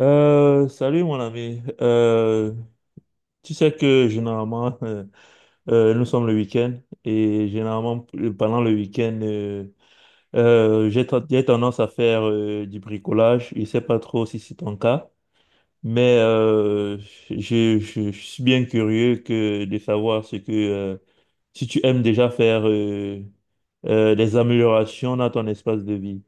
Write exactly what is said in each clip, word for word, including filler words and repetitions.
Euh, salut mon ami. Euh, tu sais que généralement, euh, euh, nous sommes le week-end et généralement p- euh, pendant le week-end, euh, euh, j'ai ten- j'ai tendance à faire euh, du bricolage. Je sais pas trop si c'est ton cas, mais euh, je, je- je suis bien curieux que de savoir ce que euh, si tu aimes déjà faire euh, euh, des améliorations dans ton espace de vie.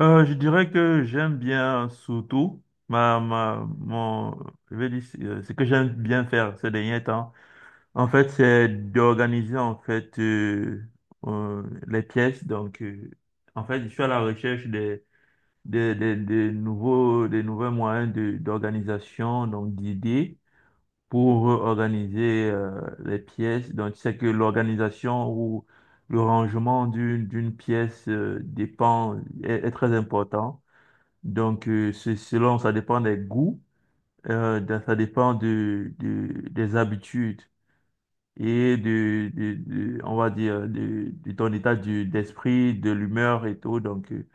Euh, je dirais que j'aime bien surtout ma, ma, mon, je vais dire, euh, ce que j'aime bien faire ces derniers temps. En fait, c'est d'organiser en fait euh, euh, les pièces. Donc, euh, en fait, je suis à la recherche des, des, des, des nouveaux, des nouveaux moyens de, d'organisation, donc d'idées pour organiser euh, les pièces. Donc, tu sais que l'organisation ou le rangement d'une d'une pièce euh, dépend est est très important. Donc, euh, c'est selon, ça dépend des goûts, euh, de- ça dépend de, de- des habitudes et de, de- de- on va dire, de, de ton état du- d'esprit, de l'humeur et tout. Donc, euh,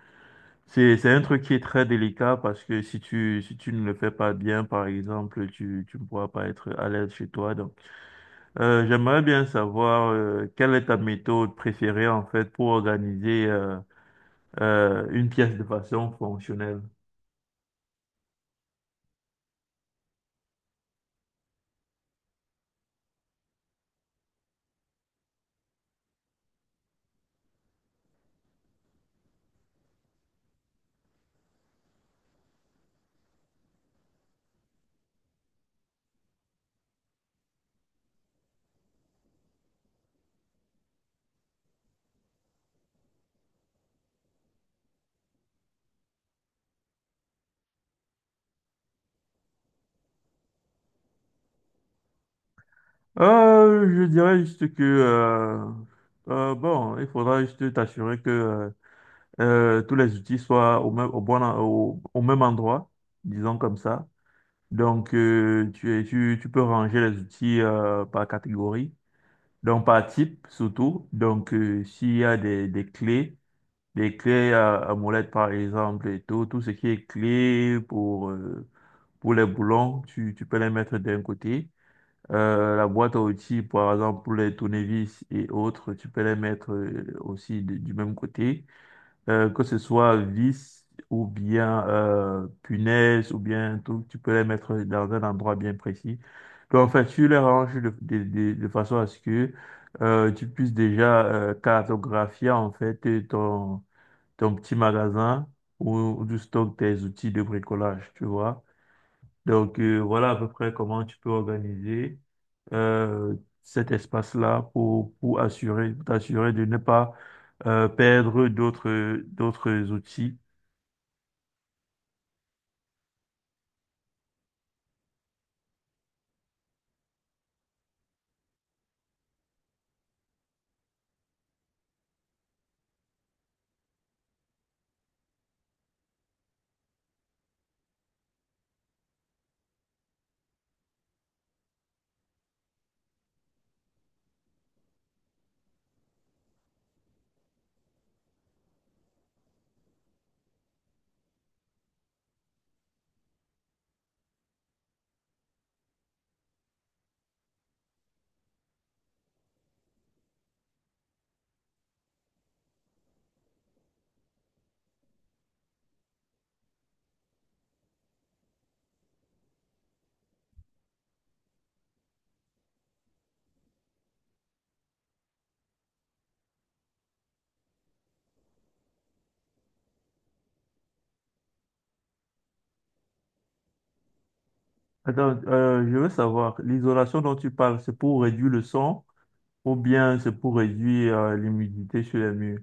c'est, c'est un truc qui est très délicat parce que si tu, si tu ne le fais pas bien, par exemple, tu, tu ne pourras pas être à l'aise chez toi. Donc, euh, j'aimerais bien savoir, euh, quelle est ta méthode préférée, en fait, pour organiser, euh, euh, une pièce de façon fonctionnelle. Euh, je dirais juste que euh, euh, bon, il faudra juste t'assurer que euh, euh, tous les outils soient au même au bon en- au, au même endroit, disons comme ça. Donc euh, tu, es- tu tu peux ranger les outils euh, par catégorie, donc par type surtout. Donc euh, s'il y a des, des clés, des clés à, à molette par exemple et tout, tout ce qui est clé pour euh, pour les boulons, tu tu peux les mettre d'un côté. Euh, la boîte à outils, par exemple, pour les tournevis et autres, tu peux les mettre euh, aussi de- du même côté. Euh, que ce soit vis ou bien euh, punaise ou bien tout, tu peux les mettre dans un endroit bien précis. Donc, en fait, tu les ranges de, de, de, de façon à ce que euh, tu puisses déjà euh, cartographier en fait euh, ton, ton petit magasin où, où tu stockes tes outils de bricolage, tu vois. Donc euh, voilà à peu près comment tu peux organiser euh, cet espace-là pour, pour assurer, pour t'assurer de ne pas euh, perdre d'autres d'autres outils. Attends, euh, je veux savoir, l'isolation dont tu parles, c'est pour réduire le son ou bien c'est pour réduire euh, l'humidité sur les murs?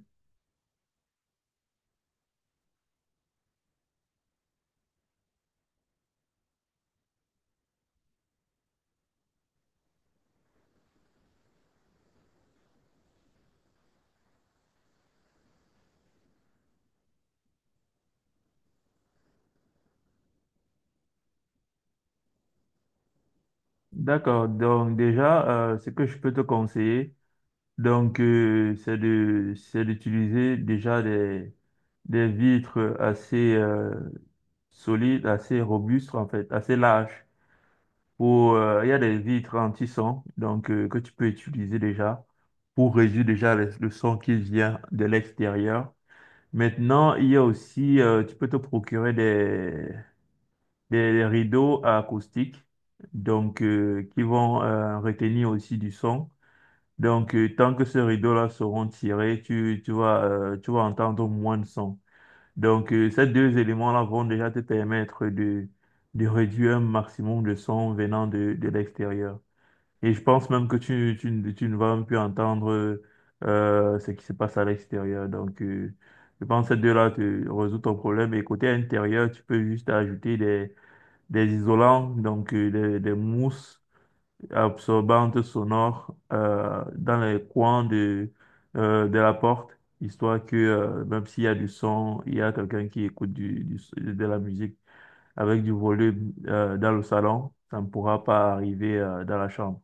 D'accord, donc déjà, euh, ce que je peux te conseiller, donc euh, c'est de c'est d'utiliser déjà des des vitres assez euh, solide, assez robuste en fait, assez large. Pour, euh, il y a des vitres anti-son donc euh, que tu peux utiliser déjà pour réduire déjà les- le son qui vient de l'extérieur. Maintenant, il y a aussi, euh, tu peux te procurer des, des rideaux acoustiques donc euh, qui vont euh, retenir aussi du son. Donc, euh, tant que ces rideaux-là seront tirés, tu, tu vas, euh, tu vas entendre moins de son. Donc, euh, ces deux éléments-là vont déjà te permettre de, de réduire un maximum de son venant de, de l'extérieur. Et je pense même que tu, tu, ne tu ne vas même plus entendre euh, euh, ce qui se passe à l'extérieur. Donc, euh, je pense que ces deux-là te résout ton problème. Et côté intérieur, tu peux juste ajouter des, des isolants, donc euh, des, des mousses absorbante sonore euh, dans les coins de, euh, de la porte, histoire que euh, même s'il y a du son, il y a quelqu'un qui écoute du, du- de la musique avec du volume euh, dans le salon, ça ne pourra pas arriver euh, dans la chambre.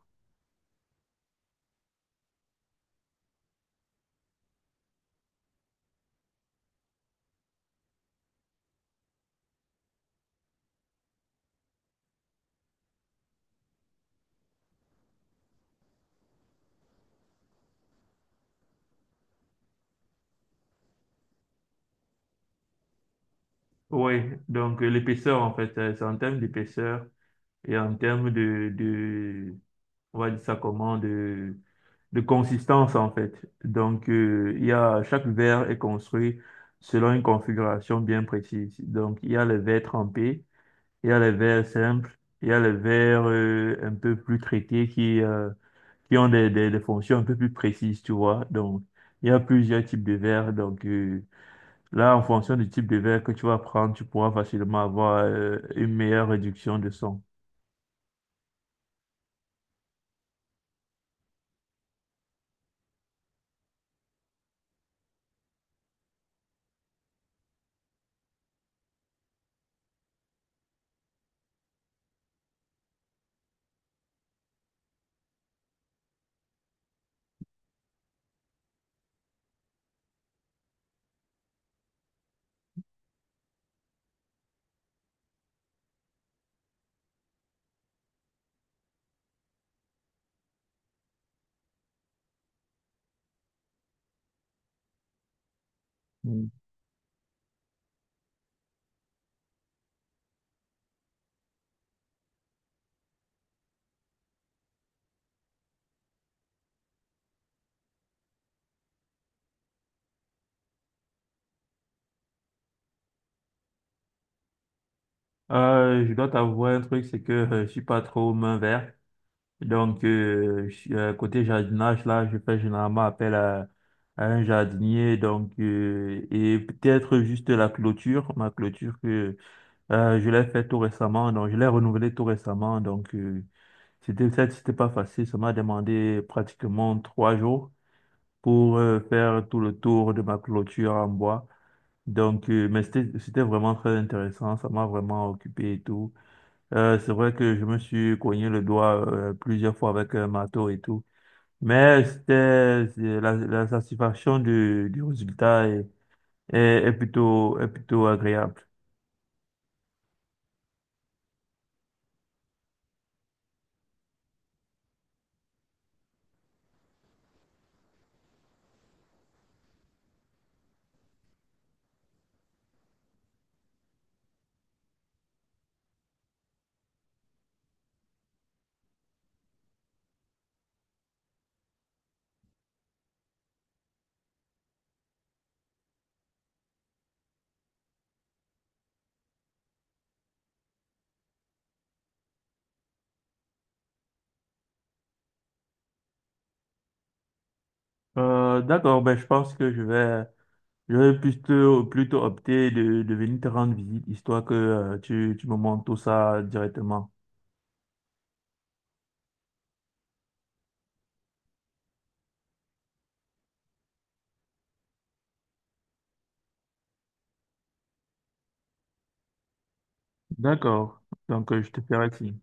Oui, donc euh, l'épaisseur en fait, euh, c'est en termes d'épaisseur et en termes de, on va dire ça comment, de, de consistance en fait. Donc, euh, il y a, chaque verre est construit selon une configuration bien précise. Donc, il y a les verres trempés, il y a les verres simples, il y a les verres euh, un peu plus traités qui, euh, qui ont des, des, des fonctions un peu plus précises, tu vois. Donc, il y a plusieurs types de verres. Donc, euh, là, en fonction du type de verre que tu vas prendre, tu pourras facilement avoir euh, une meilleure réduction de son. Euh, je dois t'avouer un truc, c'est que euh, je suis pas trop main verte. Donc, euh, je suis- euh, côté jardinage, là, je fais généralement appel à, à un jardinier. Donc, euh, et peut-être juste la clôture, ma clôture que euh, je l'ai fait tout récemment. Donc, je l'ai renouvelée tout récemment. Donc, euh, c'était ça, c'était pas facile. Ça m'a demandé pratiquement trois jours pour euh, faire tout le tour de ma clôture en bois. Donc, euh, mais c'était c'était vraiment très intéressant. Ça m'a vraiment occupé et tout. Euh, c'est vrai que je me suis cogné le doigt euh, plusieurs fois avec un marteau et tout. Mais c'était c'est la, la satisfaction du, du résultat est, est, est plutôt, est plutôt agréable. Euh, d'accord, ben, je pense que je vais, je vais plutôt, plutôt opter de, de venir te rendre visite, histoire que euh, tu, tu me montres tout ça directement. D'accord, donc euh, je te ferai signe.